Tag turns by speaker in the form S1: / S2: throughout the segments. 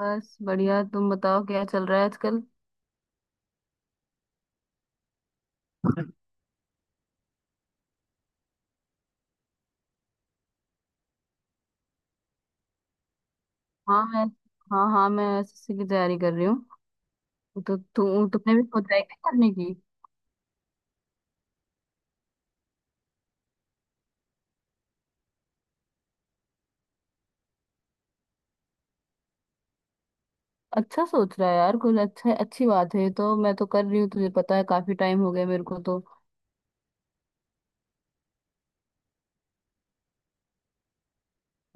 S1: बस बढ़िया। तुम बताओ क्या चल रहा है आजकल। हाँ, मैं, हाँ हाँ मैं एसएससी की तैयारी कर रही हूँ। तो तू तुमने भी सोचा है क्या करने की। अच्छा, सोच रहा है यार कुछ। अच्छा, अच्छी बात है। तो मैं तो कर रही हूँ, तुझे पता है काफी टाइम हो गया मेरे को तो।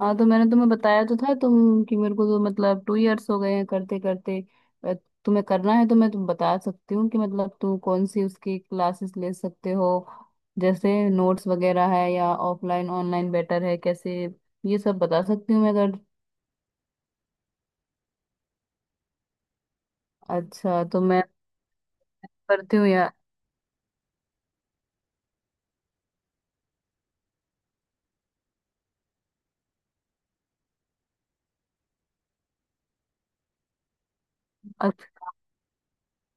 S1: हाँ तो मैंने तुम्हें बताया तो था तुम कि मेरे को तो मतलब टू इयर्स हो गए हैं करते करते। अ, तुम्हें करना है तो मैं तुम्हें बता सकती हूँ कि मतलब तुम कौन सी उसकी क्लासेस ले सकते हो। जैसे नोट्स वगैरह है या ऑफलाइन ऑनलाइन बेटर है कैसे, ये सब बता सकती हूँ मैं अगर। अच्छा तो मैं करती हूँ यार। अच्छा,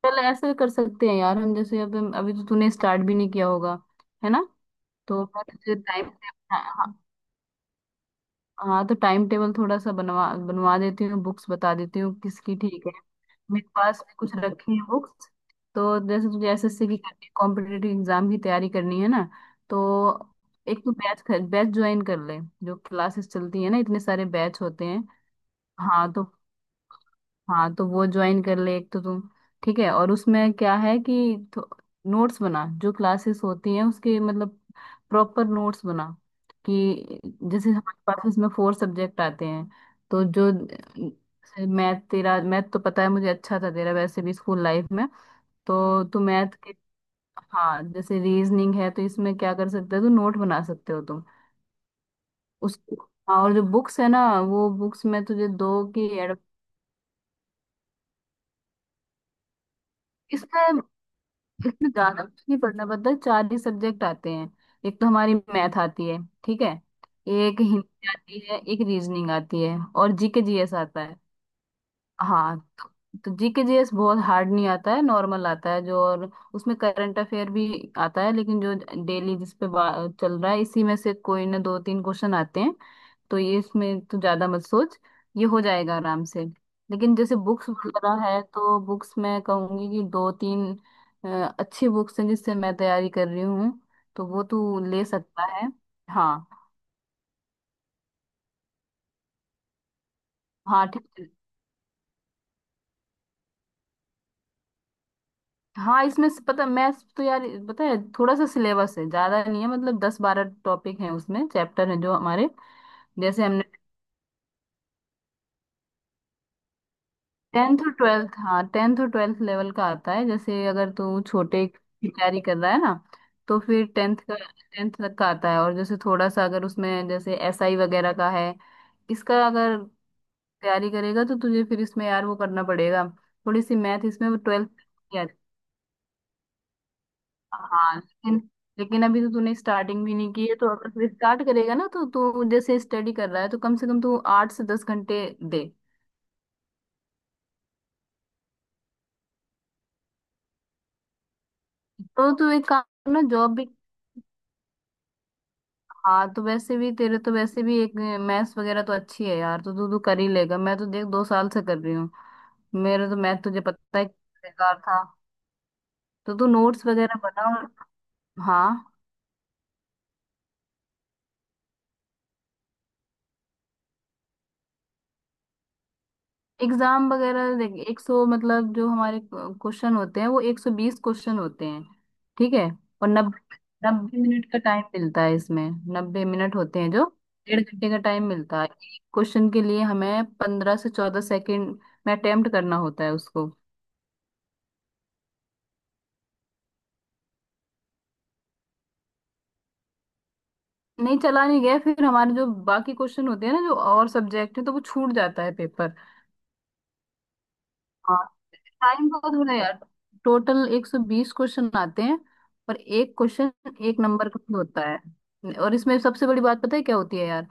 S1: चल ऐसे कर सकते हैं यार हम। जैसे अभी अभी तो तूने स्टार्ट भी नहीं किया होगा, है ना। तो मैं तुझे टाइम, हाँ हाँ, हाँ, तो टाइम टेबल थोड़ा सा बनवा बनवा देती हूँ, बुक्स बता देती हूँ किसकी, ठीक है। मेरे पास भी कुछ रखी है बुक्स। तो जैसे तुझे एसएससी की करनी है, कॉम्पिटेटिव एग्जाम की तैयारी करनी है ना। तो एक तो बैच, ज्वाइन कर ले। जो क्लासेस चलती है ना, इतने सारे बैच होते हैं। हाँ तो, हाँ तो वो ज्वाइन कर ले एक तो तुम। ठीक है, और उसमें क्या है कि नोट्स बना, जो क्लासेस होती हैं उसके मतलब प्रॉपर नोट्स बना, कि जैसे हमारे पास इसमें फोर सब्जेक्ट आते हैं। तो जो मैथ तेरा मैथ तो पता है मुझे अच्छा था तेरा, वैसे भी स्कूल लाइफ में। तो तू मैथ के, हाँ जैसे रीजनिंग है तो इसमें क्या कर सकते हो, तो नोट बना सकते हो तुम उस। हाँ, और जो बुक्स है ना वो बुक्स में तुझे दो की एड। इसमें, इसमें ज्यादा कुछ नहीं पढ़ना पड़ता, चार ही सब्जेक्ट आते हैं। एक तो हमारी मैथ आती है, ठीक है, एक हिंदी आती है, एक रीजनिंग आती है, और जीके जीएस आता है। हाँ, तो जीके जीएस बहुत हार्ड नहीं आता है, नॉर्मल आता है जो। और उसमें करंट अफेयर भी आता है। लेकिन जो डेली चल रहा है, इसी में से कोई ना दो तीन क्वेश्चन आते हैं। तो ये इसमें तो ज्यादा मत सोच, ये हो जाएगा आराम से। लेकिन जैसे बुक्स वगैरह है तो बुक्स, मैं कहूंगी कि दो तीन अ, अच्छी बुक्स हैं जिससे मैं तैयारी कर रही हूँ, तो वो तू ले सकता है। हाँ, हाँ ठीक है। हाँ इसमें से- पता, मैथ्स तो यार पता है, थोड़ा सा सिलेबस है, ज्यादा नहीं है, मतलब दस बारह टॉपिक हैं उसमें, चैप्टर हैं जो हमारे। जैसे हमने, टेंथ और ट्वेल्थ, हाँ टेंथ और ट्वेल्थ लेवल का आता है। जैसे अगर तू छोटे की तैयारी कर रहा है ना तो फिर टेंथ का, टेंथ तक का आता है। और जैसे थोड़ा सा अगर उसमें जैसे एसआई वगैरह का है, इसका अगर तैयारी करेगा तो तुझे फिर इसमें यार वो करना पड़ेगा, थोड़ी सी मैथ इसमें ट्वेल्थ यार। हाँ लेकिन, लेकिन अभी तो तूने स्टार्टिंग भी नहीं की है, तो अगर फिर स्टार्ट करेगा ना तो तू जैसे स्टडी कर रहा है, तो कम से कम तू आठ से दस घंटे दे। तो तू एक काम ना, जॉब भी, हाँ तो वैसे भी तेरे, तो वैसे भी एक मैथ्स वगैरह तो अच्छी है यार, तो तू तू कर ही लेगा। मैं तो देख दो साल से कर रही हूँ, मेरा तो मैथ तुझे पता है बेकार था। तो तू नोट्स वगैरह बना। और हाँ एग्जाम वगैरह देख, एक सौ मतलब जो हमारे क्वेश्चन होते हैं वो एक सौ बीस क्वेश्चन होते हैं, ठीक है। और नब्बे, नब्बे मिनट का टाइम मिलता है इसमें, नब्बे मिनट होते हैं जो डेढ़ घंटे का टाइम मिलता है। एक क्वेश्चन के लिए हमें पंद्रह से चौदह सेकेंड में अटेम्प्ट करना होता है उसको। नहीं चला नहीं गया, फिर हमारे जो बाकी क्वेश्चन होते हैं ना, जो और सब्जेक्ट है, तो वो छूट जाता है पेपर। हाँ टाइम बहुत हो रहा है यार। टोटल 120 क्वेश्चन आते हैं, और एक क्वेश्चन, एक नंबर का भी होता है। और इसमें सबसे बड़ी बात पता है क्या होती है यार,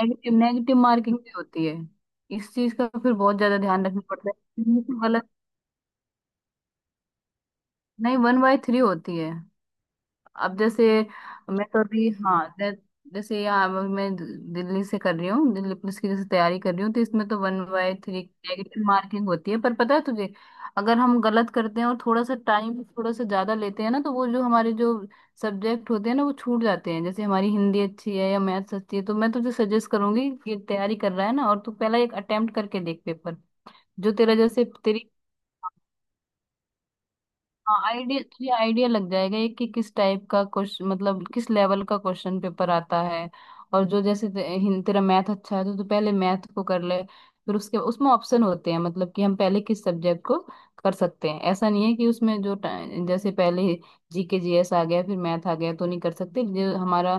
S1: नेगेटिव नेगेटिव मार्किंग भी होती है। इस चीज का फिर बहुत ज्यादा ध्यान रखना पड़ता है, गलत। नहीं, वन बाय थ्री होती है। अब जैसे मैं तो अभी, जैसे यहाँ अब मैं दिल्ली से कर रही हूँ, दिल्ली पुलिस की जैसे तैयारी कर रही हूँ, तो इसमें तो one by three negative marking होती है। पर पता है तुझे, अगर हम गलत करते हैं और थोड़ा सा टाइम थोड़ा सा ज्यादा लेते हैं ना तो वो जो हमारे जो सब्जेक्ट होते हैं ना वो छूट जाते हैं। जैसे हमारी हिंदी अच्छी है या मैथ्स अच्छी है, तो मैं तुझे सजेस्ट करूंगी कि तैयारी कर रहा है ना, और तू पहला एक अटेम्प्ट करके देख पेपर, जो तेरा जैसे तेरी। हाँ, आइडिया थोड़ी आइडिया लग जाएगा ये, कि किस टाइप का क्वेश्चन मतलब किस लेवल का क्वेश्चन पेपर आता है। और जो जैसे तेरा मैथ अच्छा है तो तू पहले मैथ को कर ले, फिर उसके उसमें ऑप्शन होते हैं मतलब कि हम पहले किस सब्जेक्ट को कर सकते हैं। ऐसा नहीं है कि उसमें जैसे पहले जीके जीएस आ गया फिर मैथ आ गया तो नहीं कर सकते। जो हमारा,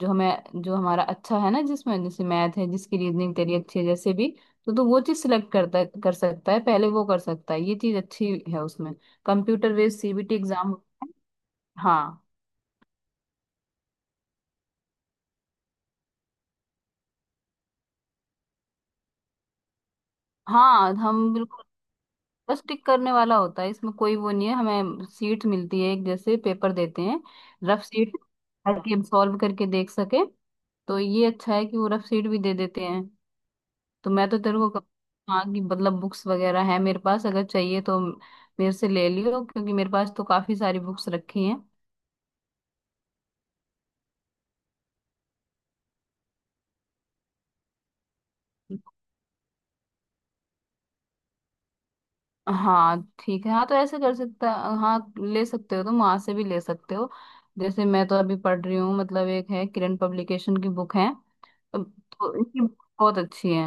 S1: जो हमें, जो हमारा अच्छा है ना जिसमें जैसे मैथ है, जिसकी रीजनिंग तेरी अच्छी है जैसे भी, तो तू वो चीज सिलेक्ट करता कर सकता है, पहले वो कर सकता है, ये चीज अच्छी है उसमें। कंप्यूटर बेस्ड सीबीटी एग्जाम होता है। हाँ, हाँ हम बिल्कुल, बस टिक करने वाला होता है, इसमें कोई वो नहीं है। हमें सीट मिलती है एक, जैसे पेपर देते हैं, रफ सीट, ताकि हम सॉल्व करके देख सके। तो ये अच्छा है कि वो रफ सीट भी दे देते हैं। तो मैं तो तेरे को हाँ कि मतलब बुक्स वगैरह है मेरे पास, अगर चाहिए तो मेरे से ले लियो, क्योंकि मेरे पास तो काफी सारी बुक्स रखी हैं। हाँ ठीक है, हाँ तो ऐसे कर सकता, हाँ ले सकते हो तुम, वहां से भी ले सकते हो। जैसे मैं तो अभी पढ़ रही हूँ, मतलब एक है किरण पब्लिकेशन की बुक है अब, तो इनकी book बहुत अच्छी है।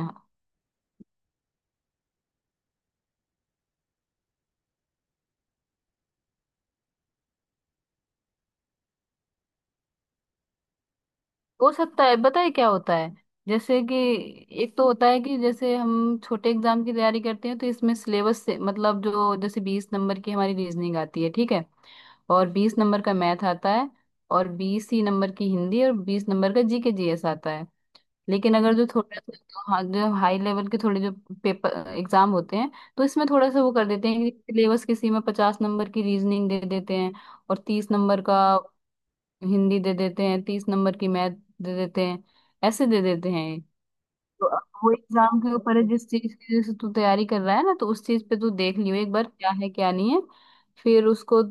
S1: हो सकता है, पता है क्या होता है, जैसे कि एक तो होता है कि जैसे हम छोटे एग्जाम की तैयारी करते हैं, तो इसमें सिलेबस से मतलब जो जैसे बीस नंबर की हमारी रीजनिंग आती है, ठीक है, और बीस नंबर का मैथ आता है, और बीस ही नंबर की हिंदी, और बीस नंबर का जीके जीएस आता है। लेकिन अगर जो थोड़ा सा जो, हाँ जो हाई लेवल के थोड़े जो पेपर एग्जाम होते हैं, तो इसमें थोड़ा सा वो कर देते हैं कि सिलेबस किसी में पचास नंबर की रीजनिंग दे देते हैं, और तीस नंबर का हिंदी दे देते हैं, तीस नंबर की मैथ दे देते हैं, ऐसे दे देते हैं। तो अब वो एग्जाम के ऊपर है, जिस चीज की जैसे तू तैयारी कर रहा है ना, तो उस चीज पे तू देख लियो एक बार क्या है क्या नहीं है, फिर उसको।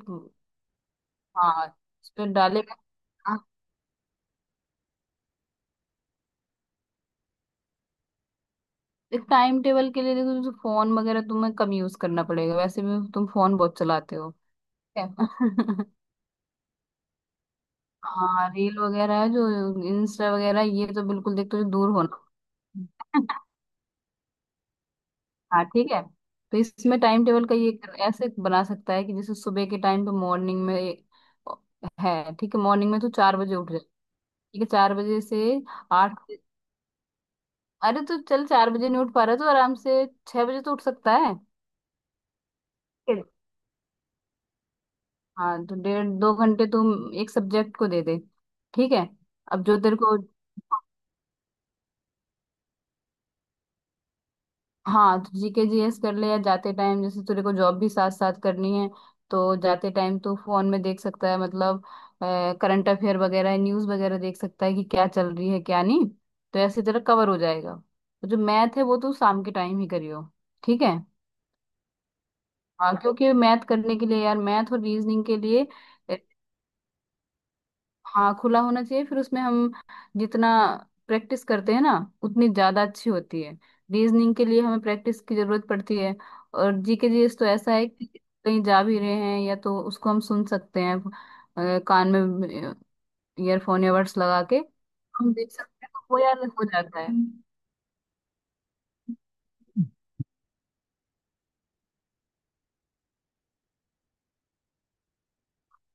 S1: हाँ उस पर डालेगा। एक टाइम टेबल के लिए देखो, जैसे फोन वगैरह तुम्हें कम यूज करना पड़ेगा, वैसे भी तुम फोन बहुत चलाते हो, ठीक है? हाँ रील वगैरह है जो, इंस्टा वगैरह ये तो बिल्कुल देखते हो, दूर होना। हाँ ठीक है। तो इसमें टाइम टेबल का ये ऐसे बना सकता है कि जैसे सुबह के टाइम पे, मॉर्निंग में है ठीक है। मॉर्निंग में तो चार बजे उठ जाए, ठीक है, चार बजे से आठ। अरे तो चल, चार बजे नहीं उठ पा रहा है तो आराम से छह बजे तो उठ सकता है। हाँ, तो डेढ़ दो घंटे तुम एक सब्जेक्ट को दे दे, ठीक है। अब जो तेरे को, हाँ तो जीके जीएस कर ले, या जाते टाइम जैसे तेरे को जॉब भी साथ साथ करनी है, तो जाते टाइम तू फोन में देख सकता है मतलब करंट अफेयर वगैरह, न्यूज वगैरह देख सकता है कि क्या चल रही है क्या नहीं। तो ऐसे तेरा कवर हो जाएगा। तो जो मैथ है वो तू शाम के टाइम ही करियो, ठीक है। हाँ, क्योंकि मैथ करने के लिए यार, मैथ और रीजनिंग के लिए, हाँ खुला होना चाहिए। फिर उसमें हम जितना प्रैक्टिस करते हैं ना, उतनी ज्यादा अच्छी होती है। रीजनिंग के लिए हमें प्रैक्टिस की जरूरत पड़ती है। और जीके जीएस तो ऐसा है कि कहीं जा भी रहे हैं या तो उसको हम सुन सकते हैं, कान में ईयरफोन ईयरबड्स लगा के हम देख सकते हैं, तो वो यार हो जाता है। हम्म।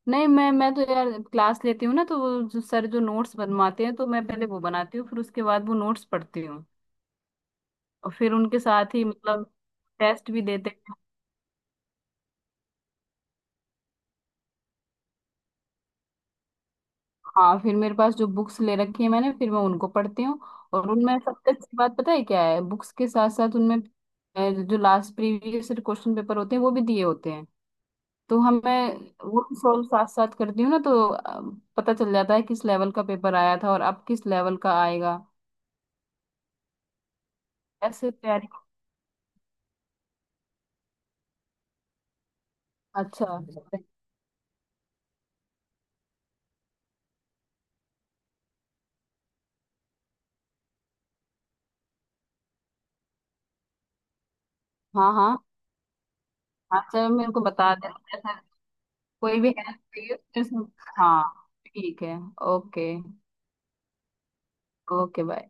S1: नहीं, मैं तो यार क्लास लेती हूँ ना, तो वो जो सर जो नोट्स बनवाते हैं तो मैं पहले वो बनाती हूँ, फिर उसके बाद वो नोट्स पढ़ती हूँ। और फिर उनके साथ ही मतलब टेस्ट भी देते हैं। हाँ फिर मेरे पास जो बुक्स ले रखी है मैंने, फिर मैं उनको पढ़ती हूँ। और उनमें सबसे अच्छी बात पता है क्या है, बुक्स के साथ साथ उनमें जो लास्ट प्रीवियस क्वेश्चन पेपर होते हैं वो भी दिए होते हैं। तो हमें वो सॉल्व साथ साथ करती हूँ ना, तो पता चल जाता है किस लेवल का पेपर आया था और अब किस लेवल का आएगा। ऐसे तैयारी। अच्छा, हाँ हाँ, अच्छा मेरे को बता देना ऐसा कोई भी हेल्प चाहिए तो इसमें-, हाँ ठीक है। ओके। Okay, bye.